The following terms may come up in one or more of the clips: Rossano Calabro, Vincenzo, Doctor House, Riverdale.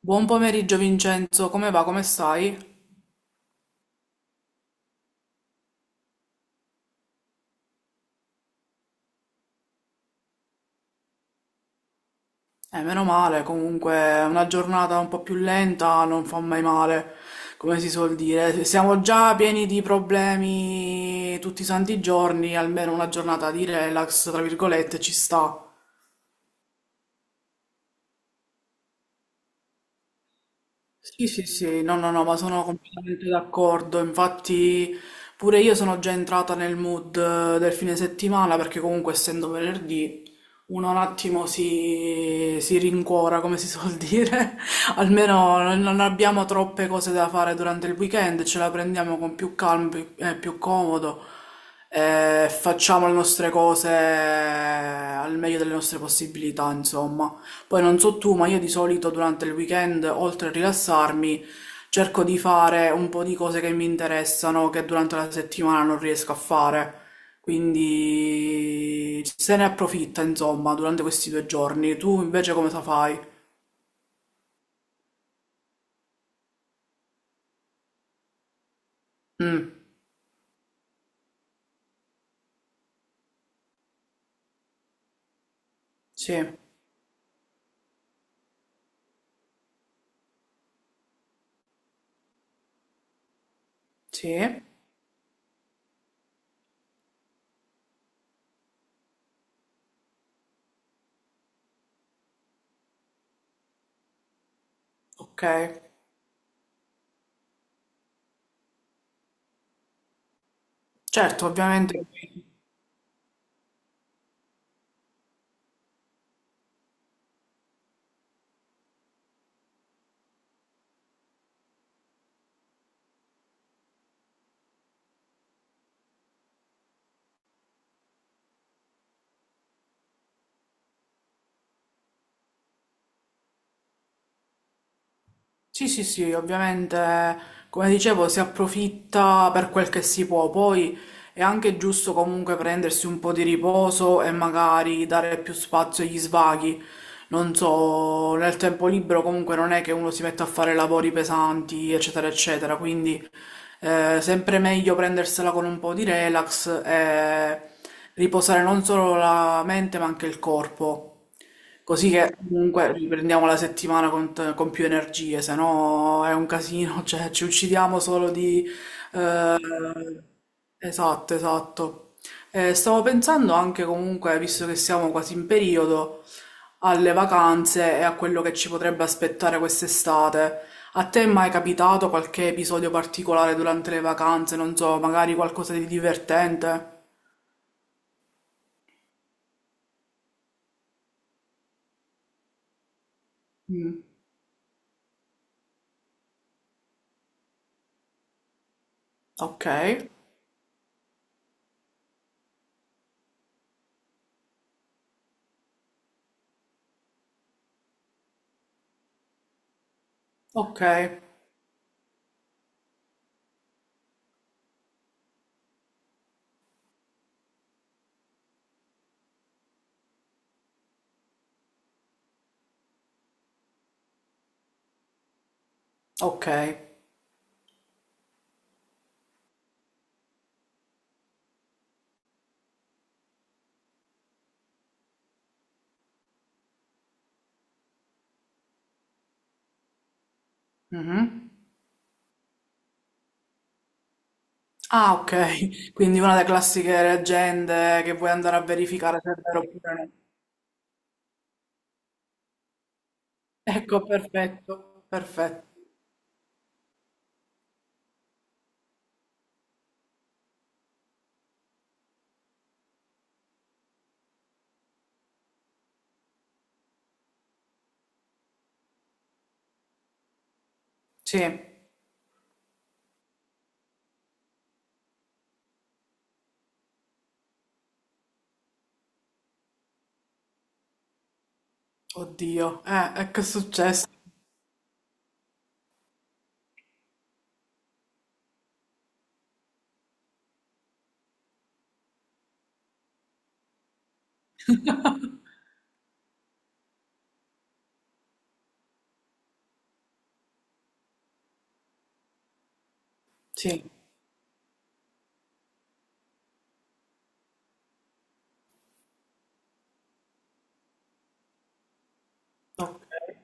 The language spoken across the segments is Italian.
Buon pomeriggio Vincenzo, come va? Come stai? Meno male, comunque una giornata un po' più lenta non fa mai male, come si suol dire. Siamo già pieni di problemi tutti i santi giorni, almeno una giornata di relax, tra virgolette, ci sta. Sì, sì, sì, no, no, no, ma sono completamente d'accordo. Infatti, pure io sono già entrata nel mood del fine settimana perché, comunque, essendo venerdì, uno un attimo si rincuora, come si suol dire. Almeno non abbiamo troppe cose da fare durante il weekend, ce la prendiamo con più calma e più comodo. Facciamo le nostre cose al meglio delle nostre possibilità, insomma. Poi non so tu, ma io di solito durante il weekend, oltre a rilassarmi, cerco di fare un po' di cose che mi interessano, che durante la settimana non riesco a fare. Quindi se ne approfitta, insomma, durante questi 2 giorni. Tu invece come cosa fai? Mm, sì, sì, ok. Certo, ovviamente. Sì, sì, sì, ovviamente, come dicevo, si approfitta per quel che si può, poi è anche giusto comunque prendersi un po' di riposo e magari dare più spazio agli svaghi. Non so, nel tempo libero comunque non è che uno si metta a fare lavori pesanti, eccetera, eccetera, quindi sempre meglio prendersela con un po' di relax e riposare non solo la mente ma anche il corpo. Così che comunque riprendiamo la settimana con, con più energie, se no è un casino, cioè ci uccidiamo solo di... eh, esatto, esatto. Stavo pensando anche comunque, visto che siamo quasi in periodo, alle vacanze e a quello che ci potrebbe aspettare quest'estate. A te è mai capitato qualche episodio particolare durante le vacanze? Non so, magari qualcosa di divertente? Ok, ok, ok. Mhm. Ah, ok, quindi una delle classiche leggende che vuoi andare a verificare se è vero oppure no. Ecco, perfetto, perfetto. Sì, oddio, e che è successo? Sì, ok.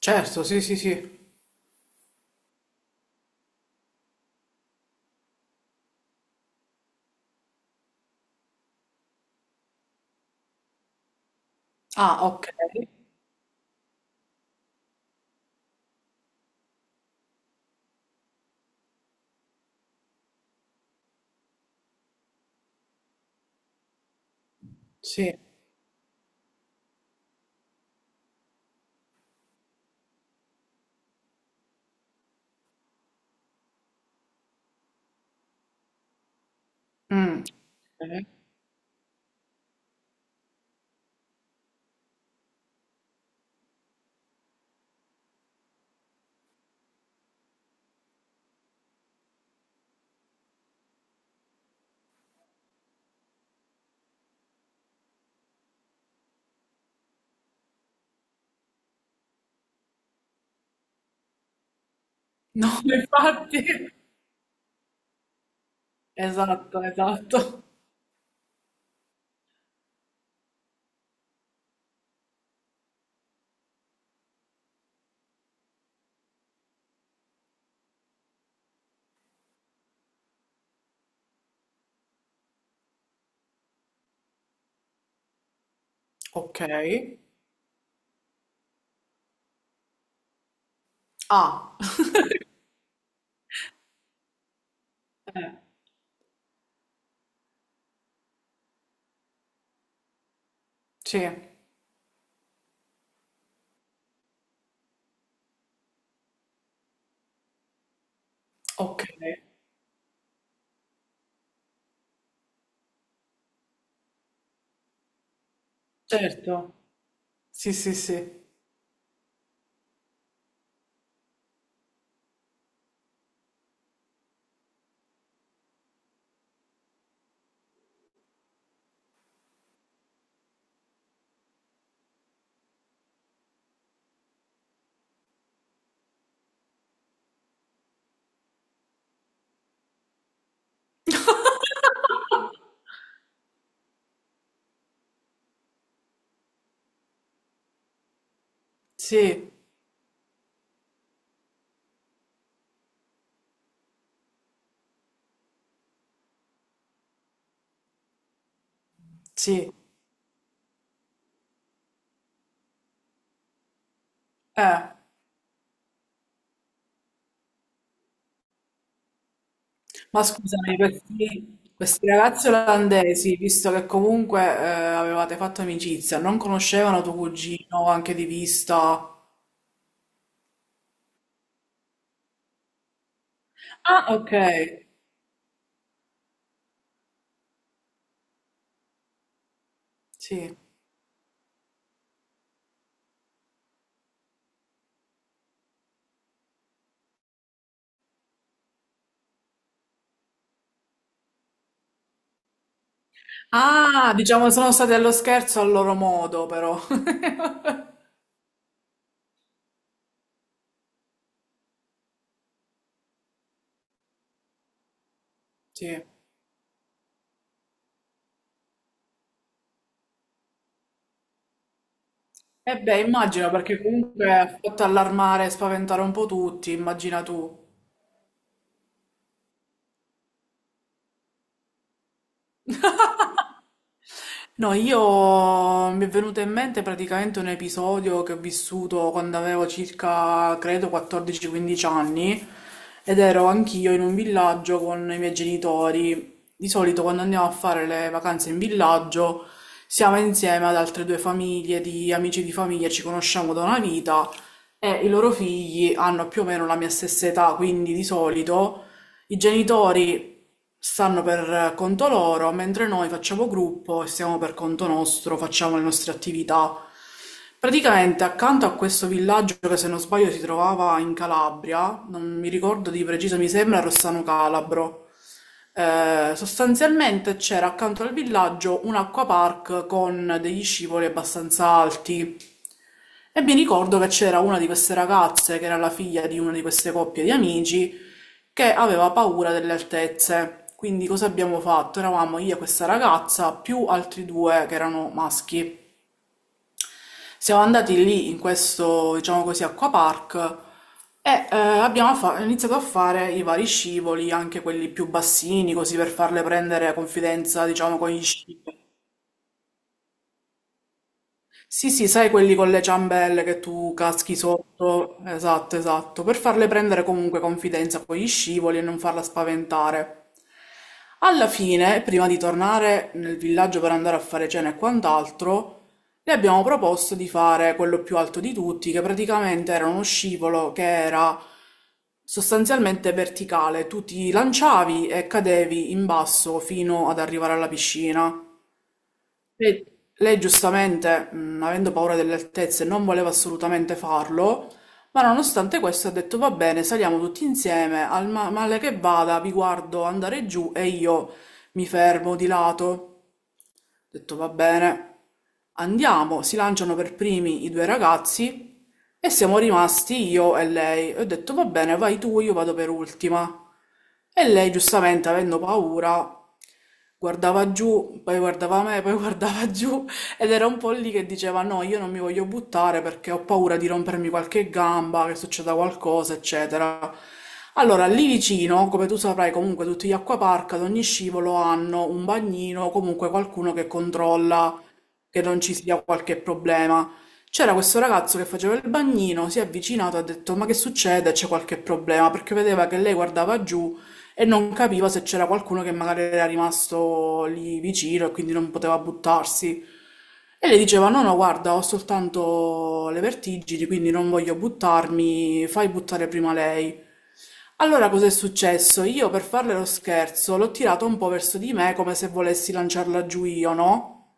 Certo, sì, sì, sì. Ah, ok, sì. Mm. Ok. No, infatti. Esatto, esatto. Ok. Ah, eh, sì, ok, certo. Sì, sì, sì. Sì, sì, eh. Ma scusami, questi ragazzi olandesi, visto che comunque avevate fatto amicizia, non conoscevano tuo cugino anche di vista? Ah, ok, sì. Ah, diciamo sono stati allo scherzo al loro modo, però. Sì. E beh, immagino, perché comunque ha fatto allarmare e spaventare un po' tutti, immagina tu. No, io mi è venuto in mente praticamente un episodio che ho vissuto quando avevo circa, credo, 14-15 anni ed ero anch'io in un villaggio con i miei genitori. Di solito quando andiamo a fare le vacanze in villaggio siamo insieme ad altre due famiglie di amici di famiglia, ci conosciamo da una vita e i loro figli hanno più o meno la mia stessa età, quindi di solito i genitori stanno per conto loro, mentre noi facciamo gruppo e stiamo per conto nostro, facciamo le nostre attività. Praticamente accanto a questo villaggio che se non sbaglio si trovava in Calabria, non mi ricordo di preciso, mi sembra Rossano Calabro, sostanzialmente c'era accanto al villaggio un acquapark con degli scivoli abbastanza alti. E mi ricordo che c'era una di queste ragazze che era la figlia di una di queste coppie di amici che aveva paura delle altezze. Quindi cosa abbiamo fatto? Eravamo io e questa ragazza più altri due che erano maschi. Siamo andati lì in questo, diciamo così, acquapark e abbiamo iniziato a fare i vari scivoli, anche quelli più bassini, così per farle prendere confidenza, diciamo, con gli sci. Sì, sì, sai quelli con le ciambelle che tu caschi sotto? Esatto, esatto, per farle prendere comunque confidenza con gli scivoli e non farla spaventare. Alla fine, prima di tornare nel villaggio per andare a fare cena e quant'altro, le abbiamo proposto di fare quello più alto di tutti, che praticamente era uno scivolo che era sostanzialmente verticale. Tu ti lanciavi e cadevi in basso fino ad arrivare alla piscina. Lei, lei giustamente, avendo paura delle altezze, non voleva assolutamente farlo, ma nonostante questo ha detto va bene, saliamo tutti insieme, al male che vada, vi guardo andare giù e io mi fermo di lato. Ho detto va bene, andiamo, si lanciano per primi i due ragazzi e siamo rimasti io e lei. Ho detto va bene, vai tu, io vado per ultima. E lei, giustamente, avendo paura guardava giù, poi guardava me, poi guardava giù ed era un po' lì che diceva no, io non mi voglio buttare perché ho paura di rompermi qualche gamba, che succeda qualcosa, eccetera. Allora, lì vicino, come tu saprai, comunque tutti gli acquapark ad ogni scivolo hanno un bagnino, comunque qualcuno che controlla che non ci sia qualche problema. C'era questo ragazzo che faceva il bagnino, si è avvicinato, ha detto: ma che succede? C'è qualche problema? Perché vedeva che lei guardava giù e non capiva se c'era qualcuno che magari era rimasto lì vicino e quindi non poteva buttarsi. E le diceva: no, no, guarda, ho soltanto le vertigini, quindi non voglio buttarmi, fai buttare prima lei. Allora cos'è successo? Io per farle lo scherzo l'ho tirato un po' verso di me come se volessi lanciarla giù io, no?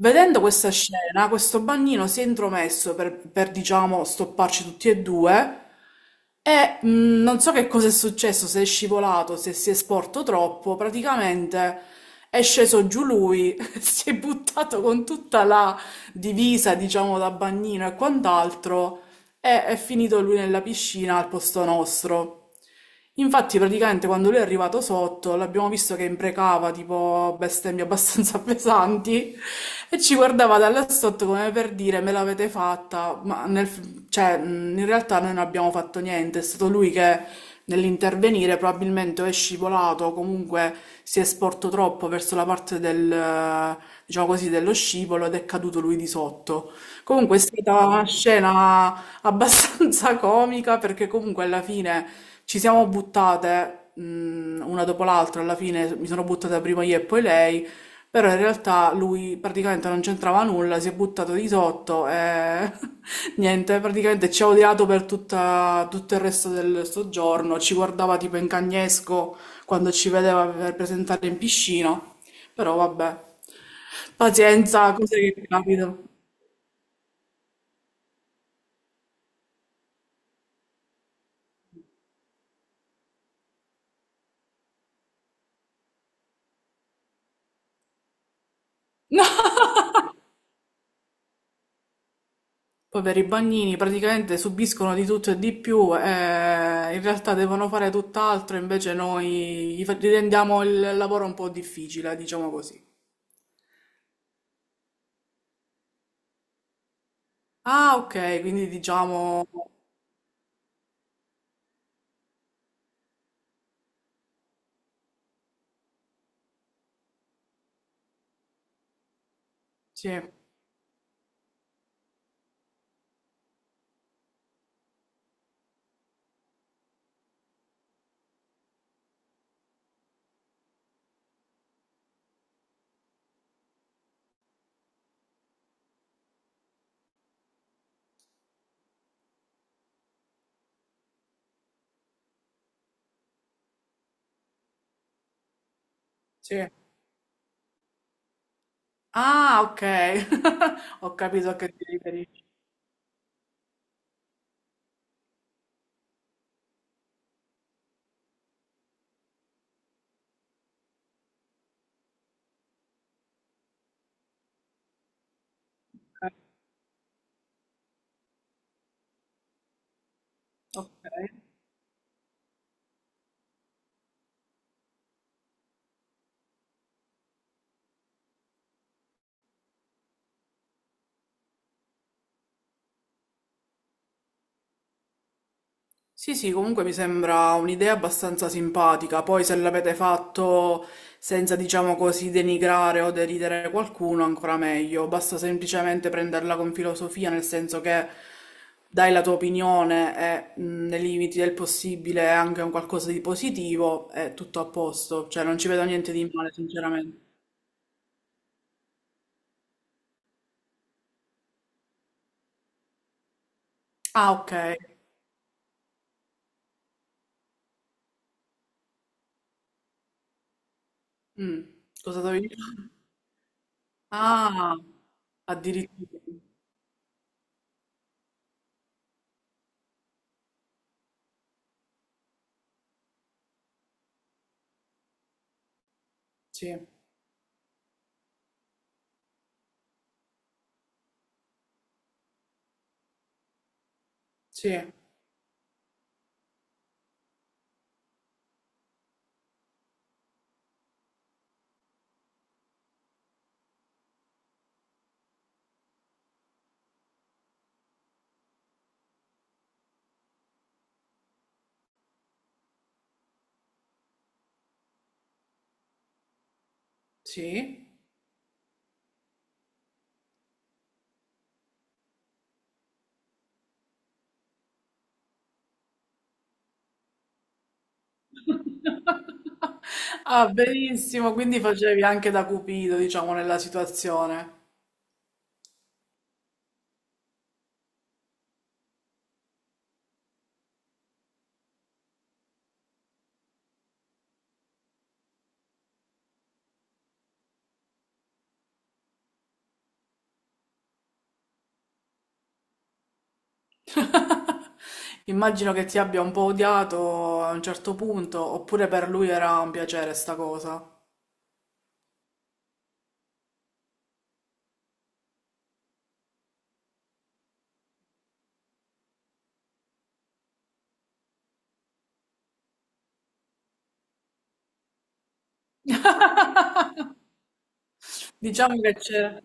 Vedendo questa scena, questo bagnino si è intromesso per diciamo, stopparci tutti e due e non so che cosa è successo, se è scivolato, se si è sporto troppo, praticamente è sceso giù lui, si è buttato con tutta la divisa, diciamo, da bagnino e quant'altro e è finito lui nella piscina al posto nostro. Infatti, praticamente quando lui è arrivato sotto, l'abbiamo visto che imprecava tipo bestemmie abbastanza pesanti e ci guardava da là sotto come per dire me l'avete fatta, ma cioè, in realtà noi non abbiamo fatto niente, è stato lui che nell'intervenire probabilmente o è scivolato o comunque si è sporto troppo verso la parte del, diciamo così, dello scivolo ed è caduto lui di sotto. Comunque è stata una scena abbastanza comica perché comunque alla fine ci siamo buttate una dopo l'altra, alla fine mi sono buttata prima io e poi lei, però in realtà lui praticamente non c'entrava nulla, si è buttato di sotto e niente, praticamente ci ha odiato per tutto il resto del soggiorno, ci guardava tipo in cagnesco quando ci vedeva per presentare in piscina, però vabbè, pazienza, cose che capitano. No! Poveri bagnini, praticamente subiscono di tutto e di più, in realtà devono fare tutt'altro, invece noi gli rendiamo il lavoro un po' difficile, diciamo così. Ah, ok, quindi diciamo... Sì, sì. Ah, ok. Ho capito a che ti riferisci. Eh, Ok. Sì, sì, comunque mi sembra un'idea abbastanza simpatica. Poi se l'avete fatto senza, diciamo così, denigrare o deridere qualcuno, ancora meglio. Basta semplicemente prenderla con filosofia, nel senso che dai la tua opinione e nei limiti del possibile è anche un qualcosa di positivo, è tutto a posto. Cioè, non ci vedo niente di male, sinceramente. Ah, ok. Mm. Cosa dovevi dire? Ah, addirittura. Sì, sì, sì. Ah, benissimo, quindi facevi anche da cupido, diciamo, nella situazione. Immagino che ti abbia un po' odiato a un certo punto, oppure per lui era un piacere sta cosa. Diciamo che c'era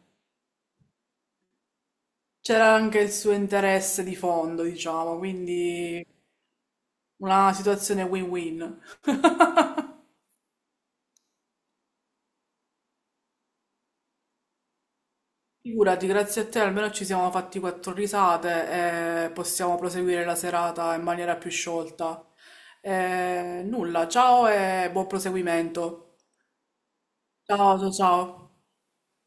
anche il suo interesse di fondo, diciamo, quindi una situazione win-win. Figurati, grazie a te almeno ci siamo fatti quattro risate e possiamo proseguire la serata in maniera più sciolta. Nulla, ciao e buon proseguimento. Ciao, ciao, ciao.